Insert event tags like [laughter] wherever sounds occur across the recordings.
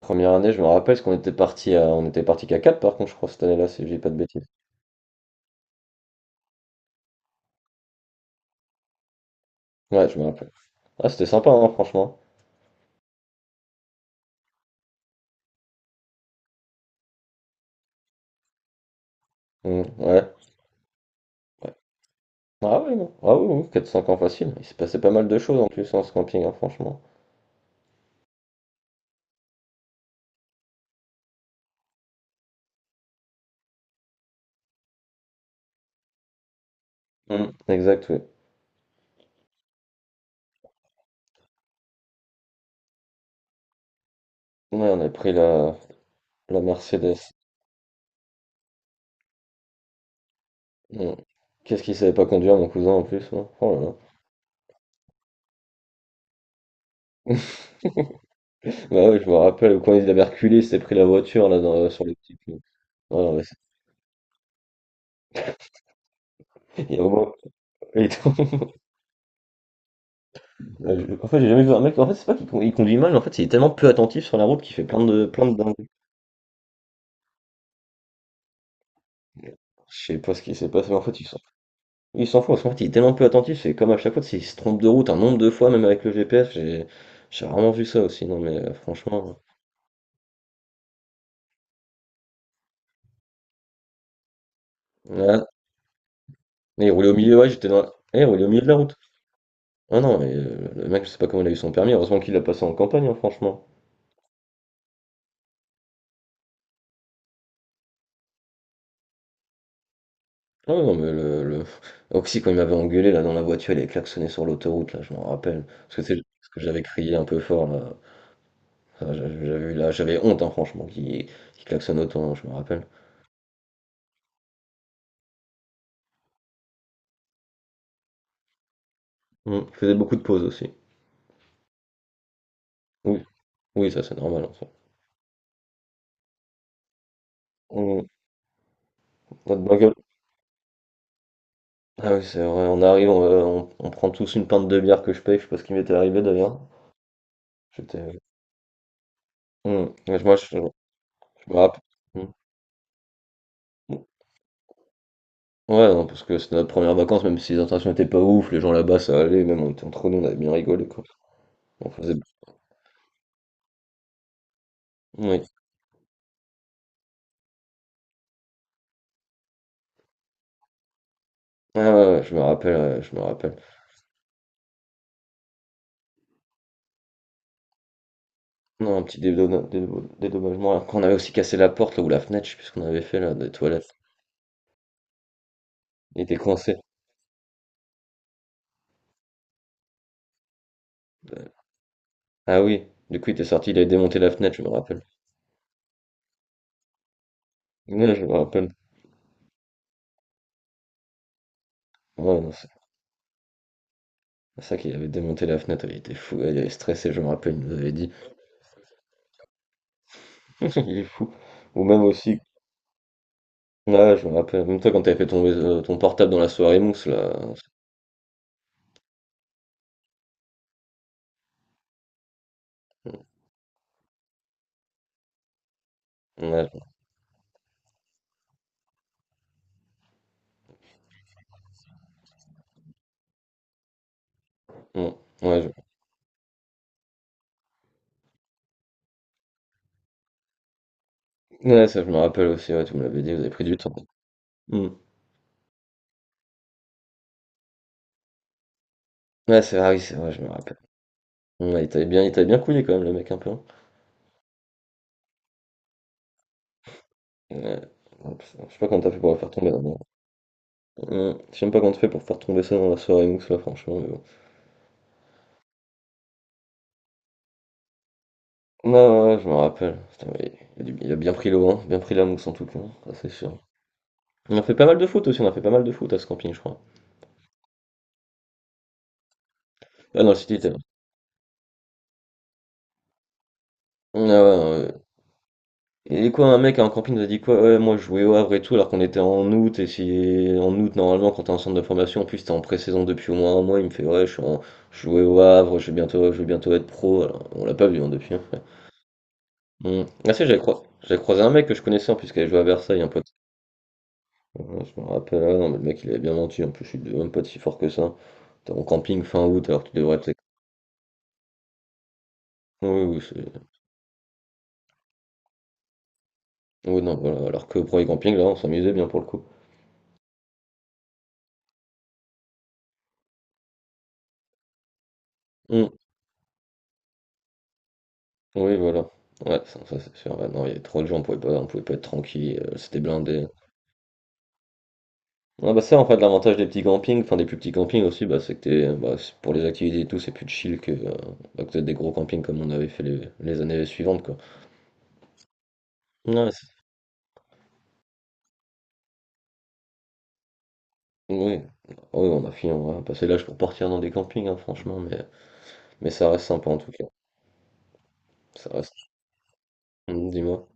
Première année, je me rappelle, parce qu'on était parti qu'à 4. Par contre, je crois, cette année-là, si je dis pas de bêtises. Ouais, je me rappelle. Ah, c'était sympa, hein, franchement. Mm, ouais. Ouais. Ah oui, non. Ah oui, oui, 4-5 ans facile. Il s'est passé pas mal de choses en plus en ce camping, hein, franchement. Mm. Exact, oui. Ouais, on a pris la Mercedes. Mm. Qu'est-ce qu'il savait pas conduire, mon cousin, en plus, hein. Oh là là. [laughs] Bah ouais, je me rappelle, quand il avait reculé, il s'est pris la voiture, là, sur le petit pont. Ah non, mais c'est- il y a vraiment- [laughs] Ouais, en fait, j'ai jamais vu un mec. En fait, c'est pas qu'il con- il conduit mal, mais en fait, il est tellement peu attentif sur la route qu'il fait plein de dingueries. Je sais pas ce qui s'est passé, mais en fait, il s'en fout. Parce qu'en fait, il est tellement peu attentif, c'est comme à chaque fois, s'il se trompe de route un nombre de fois, même avec le GPS, j'ai rarement vu ça aussi. Non, mais franchement. Ouais. Mais il roulait au milieu, ouais, Eh, il roulait au milieu de la route. Ah non, mais le mec, je sais pas comment il a eu son permis. Heureusement qu'il l'a passé en campagne, hein, franchement. Ah ouais, non, mais [laughs] Oxy, quand il m'avait engueulé là dans la voiture, il avait klaxonné sur l'autoroute, là, je m'en rappelle. Parce que c'est parce que j'avais crié un peu fort là. Enfin, j'avais honte, hein, franchement, qui klaxonne autant, hein, je me rappelle. Mm. Il faisait beaucoup de pauses aussi. Oui, oui, ça c'est normal, en soi. Mm. Notre bagnole- Ah oui, c'est vrai, on arrive, on prend tous une pinte de bière que je paye, je sais pas ce qui m'était arrivé d'ailleurs. J'étais. Mm. Ouais, moi, je me rappelle. Mm. Mm. Ouais, non, parce que c'était notre première vacances, même si les intentions étaient pas ouf, les gens là-bas ça allait, même on était entre nous, on avait bien rigolé quoi. On faisait. Oui. Ah ouais, ouais, je me rappelle, ouais, je me rappelle. Non, un petit dédommagement. Après, on avait aussi cassé la porte là, ou la fenêtre, je sais plus ce qu'on avait fait là, des toilettes. Il était coincé. Ah oui, du coup, il était sorti, il avait démonté la fenêtre, je me rappelle. Ouais, je me rappelle. Ouais, non, c'est ça qu'il avait démonté la fenêtre, il était fou, il avait stressé, je me rappelle, il nous avait dit. [laughs] Il est fou. Ou même aussi, ouais, je me rappelle, même toi quand t'avais fait tomber ton portable dans la soirée mousse là. Ouais, ouais, ouais, ouais, ça je me rappelle aussi, ouais, tu me l'avais dit, vous avez pris du temps. Hmm. Ouais, c'est vrai, oui, c'est vrai, je me rappelle. Ouais, il t'avait bien couillé quand même, le mec, un peu, hein. Ouais. Je sais pas comment t'as fait pour la faire tomber là-dedans. Ouais. Je sais même pas comment t'as fait pour faire tomber ça dans la soirée mousse là, franchement, mais bon. Non, ouais, ouais, je me rappelle. Putain, mais il a bien pris l'eau, vent, bien pris la mousse en tout cas, hein. Ça c'est sûr. On a fait pas mal de foot aussi, on a fait pas mal de foot à ce camping, je crois. Ah non, le City était là. Ah ouais, ouais. Ouais. Et quoi, un mec à un camping nous a dit quoi? Ouais, moi je jouais au Havre et tout, alors qu'on était en août, et si en août, normalement, quand t'es en centre de formation, en plus t'es en pré-saison depuis au moins un mois, il me fait ouais, je suis en... je jouais au Havre, je vais bientôt être pro, alors on l'a pas vu hein, depuis. Hein. Hmm. Ah si, j'avais croisé un mec que je connaissais en plus qui avait joué à Versailles, un pote. Ouais, je me rappelle, ah non mais le mec il avait bien menti, en plus je suis même pas si fort que ça. T'es en camping fin août alors que tu devrais être... Oui, oui, oui, non, voilà, alors que pour les campings là on s'amusait bien pour le coup. Hmm. Oui, voilà. Ouais, ça, c'est sûr, ouais, non, il y avait trop de gens, on pouvait pas être tranquille, c'était blindé. Ah bah ça en fait l'avantage des petits campings, enfin des plus petits campings aussi, bah c'est que t'es, bah, pour les activités et tout c'est plus chill que, bah, que des gros campings comme on avait fait les années suivantes quoi. Ouais, oui, oui, on a fini, on a passé l'âge pour partir dans des campings, hein, franchement, mais ça reste sympa en tout cas. Ça reste. Dis-moi.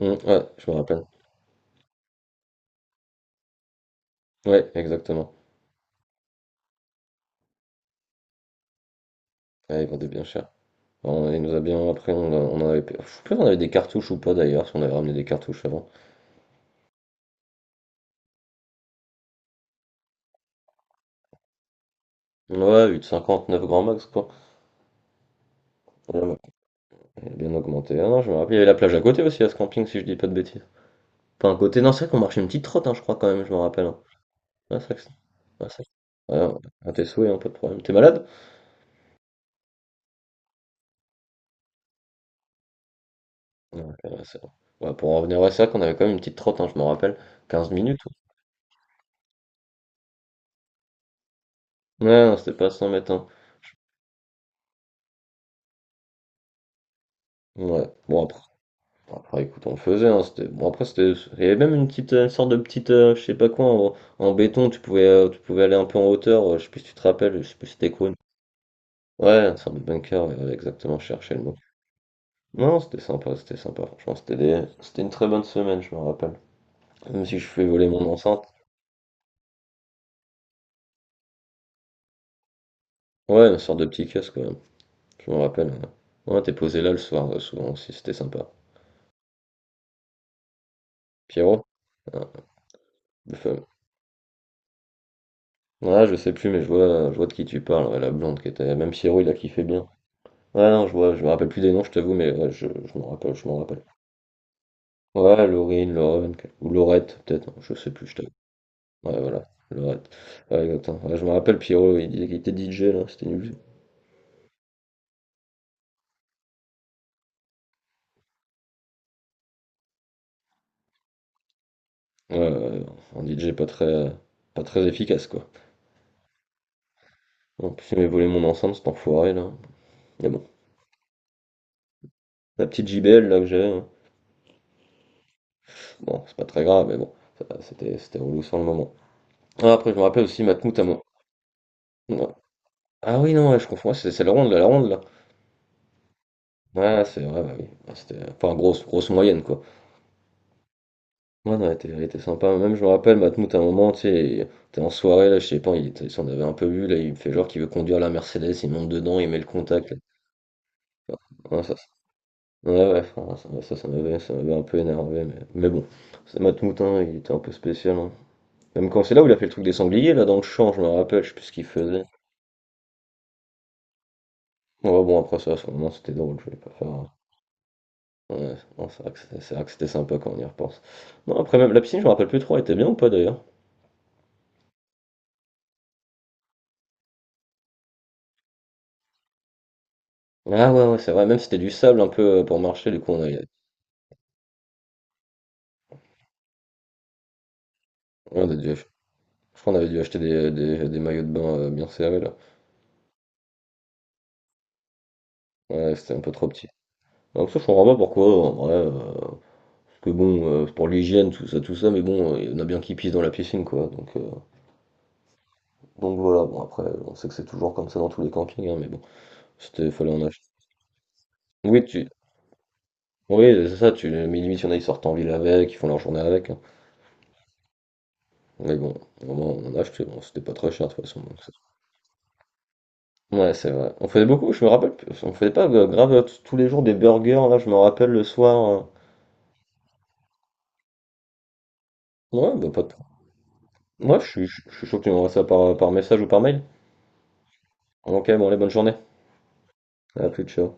Ouais, je me rappelle. Ouais, exactement. Ouais, ils vendaient bien cher. Enfin, il nous a bien. Après, on en avait. Je sais plus si on avait des cartouches ou pas d'ailleurs, si on avait ramené des cartouches avant. Ouais, 8,59 grand max quoi. Ouais, ouais, il a bien augmenté. Ah non, je me rappelle, il y avait la plage à côté aussi à ce camping, si je dis pas de bêtises. Pas un côté. Non, c'est vrai qu'on marchait une petite trotte, hein, je crois quand même, je me rappelle, hein. Ouais, c'est vrai que c'est- ouais, c'est vrai que- Ouais, ouais, à tes souhaits, hein, pas de problème. T'es malade? Ouais, intéressant. Ouais, pour en revenir à ça, qu'on avait quand même une petite trotte, hein, je m'en rappelle. 15 minutes. Ouais, non, c'était pas 100 mètres, hein. Ouais. Bon, après, écoute, on le faisait, hein, c'était... Bon, après, c'était... Il y avait même une sorte de petite, je sais pas quoi, en béton, tu pouvais aller un peu en hauteur. Je sais plus si tu te rappelles, je sais plus si c'était quoi. Ouais, une sorte de bunker, ouais, ouais, exactement, je cherchais le mot. Non, c'était sympa, c'était sympa. Franchement, c'était des... c'était une très bonne semaine, je me rappelle. Même si je fais voler mon enceinte. Ouais, une sorte de petit casque, quand même. Je me rappelle. Ouais, ouais, t'es posé là le soir, souvent aussi, c'était sympa. Pierrot? Ah, le fameux. Ouais, je sais plus, mais je vois de qui tu parles, ouais, la blonde qui était. Même Pierrot, il a kiffé bien. Ouais, non, je vois, je me rappelle plus des noms, je t'avoue, mais ouais, je m'en rappelle, je m'en rappelle. Ouais, Laurine, Lauren, ou Laurette, peut-être, non, je sais plus, je t'avoue. Ouais, voilà, Laurette. Ouais, exactement. Ouais, je me rappelle, Pierrot, il disait qu'il était DJ, là, c'était nul. Ouais, ouais, ouais, un DJ pas très efficace, quoi. En plus, il m'avait volé mon enceinte, cet enfoiré, là. Mais bon, la petite JBL, là, que j'avais, hein. Bon, c'est pas très grave, mais bon, c'était relou sur le moment. Ah, après, je me rappelle aussi Matmout à moi. Ouais. Ah oui, non, ouais, je confonds. Ouais, c'est la ronde, là, la ronde, là. Ouais, c'est vrai, bah oui. Ouais, c'était, enfin, grosse, grosse moyenne, quoi. Ouais, non, elle était sympa. Même, je me rappelle, Matmout, à un moment, tu sais, il était en soirée, là, je sais pas, il s'en avait un peu vu, là, il me fait genre qu'il veut conduire la Mercedes, il monte dedans, il met le contact, là. Ouais, ouais, ouais, enfin, ça, ouais, ça, ça m'avait un peu énervé, mais bon. C'est Matmout, hein, il était un peu spécial, hein. Même quand c'est là où il a fait le truc des sangliers, là, dans le champ, je me rappelle, je sais plus ce qu'il faisait. Ouais, bon, après ça, à ce moment, c'était drôle, je vais pas faire. Ouais, non, c'est vrai que c'était sympa quand on y repense. Non, après, même la piscine, je me rappelle plus trop, elle était bien ou pas d'ailleurs? Ah ouais, ouais, c'est vrai, même si c'était du sable un peu pour marcher, du coup, on avait, on a dû ach- je crois qu'on avait dû acheter des maillots de bain bien serrés là. Ouais, c'était un peu trop petit. Donc ça, je comprends pas pourquoi, en vrai, parce que bon, pour l'hygiène, tout ça, mais bon, il y en a bien qui pissent dans la piscine, quoi. Donc, voilà, bon, après, on sait que c'est toujours comme ça dans tous les campings, hein, mais bon, c'était, fallait en acheter. Oui, oui, c'est ça, mais limite, il y en a, ils sortent en ville avec, ils font leur journée avec, hein. Mais bon, au moins on en a acheté, bon, c'était pas très cher de toute façon. Ouais, c'est vrai. On faisait beaucoup, je me rappelle, on faisait pas grave tous les jours des burgers, là, je me rappelle le soir. Ouais, bah pas de moi, je suis chaud que tu m'envoies ça par message ou par mail. Ok, bon, allez, bonne journée. À plus, ciao.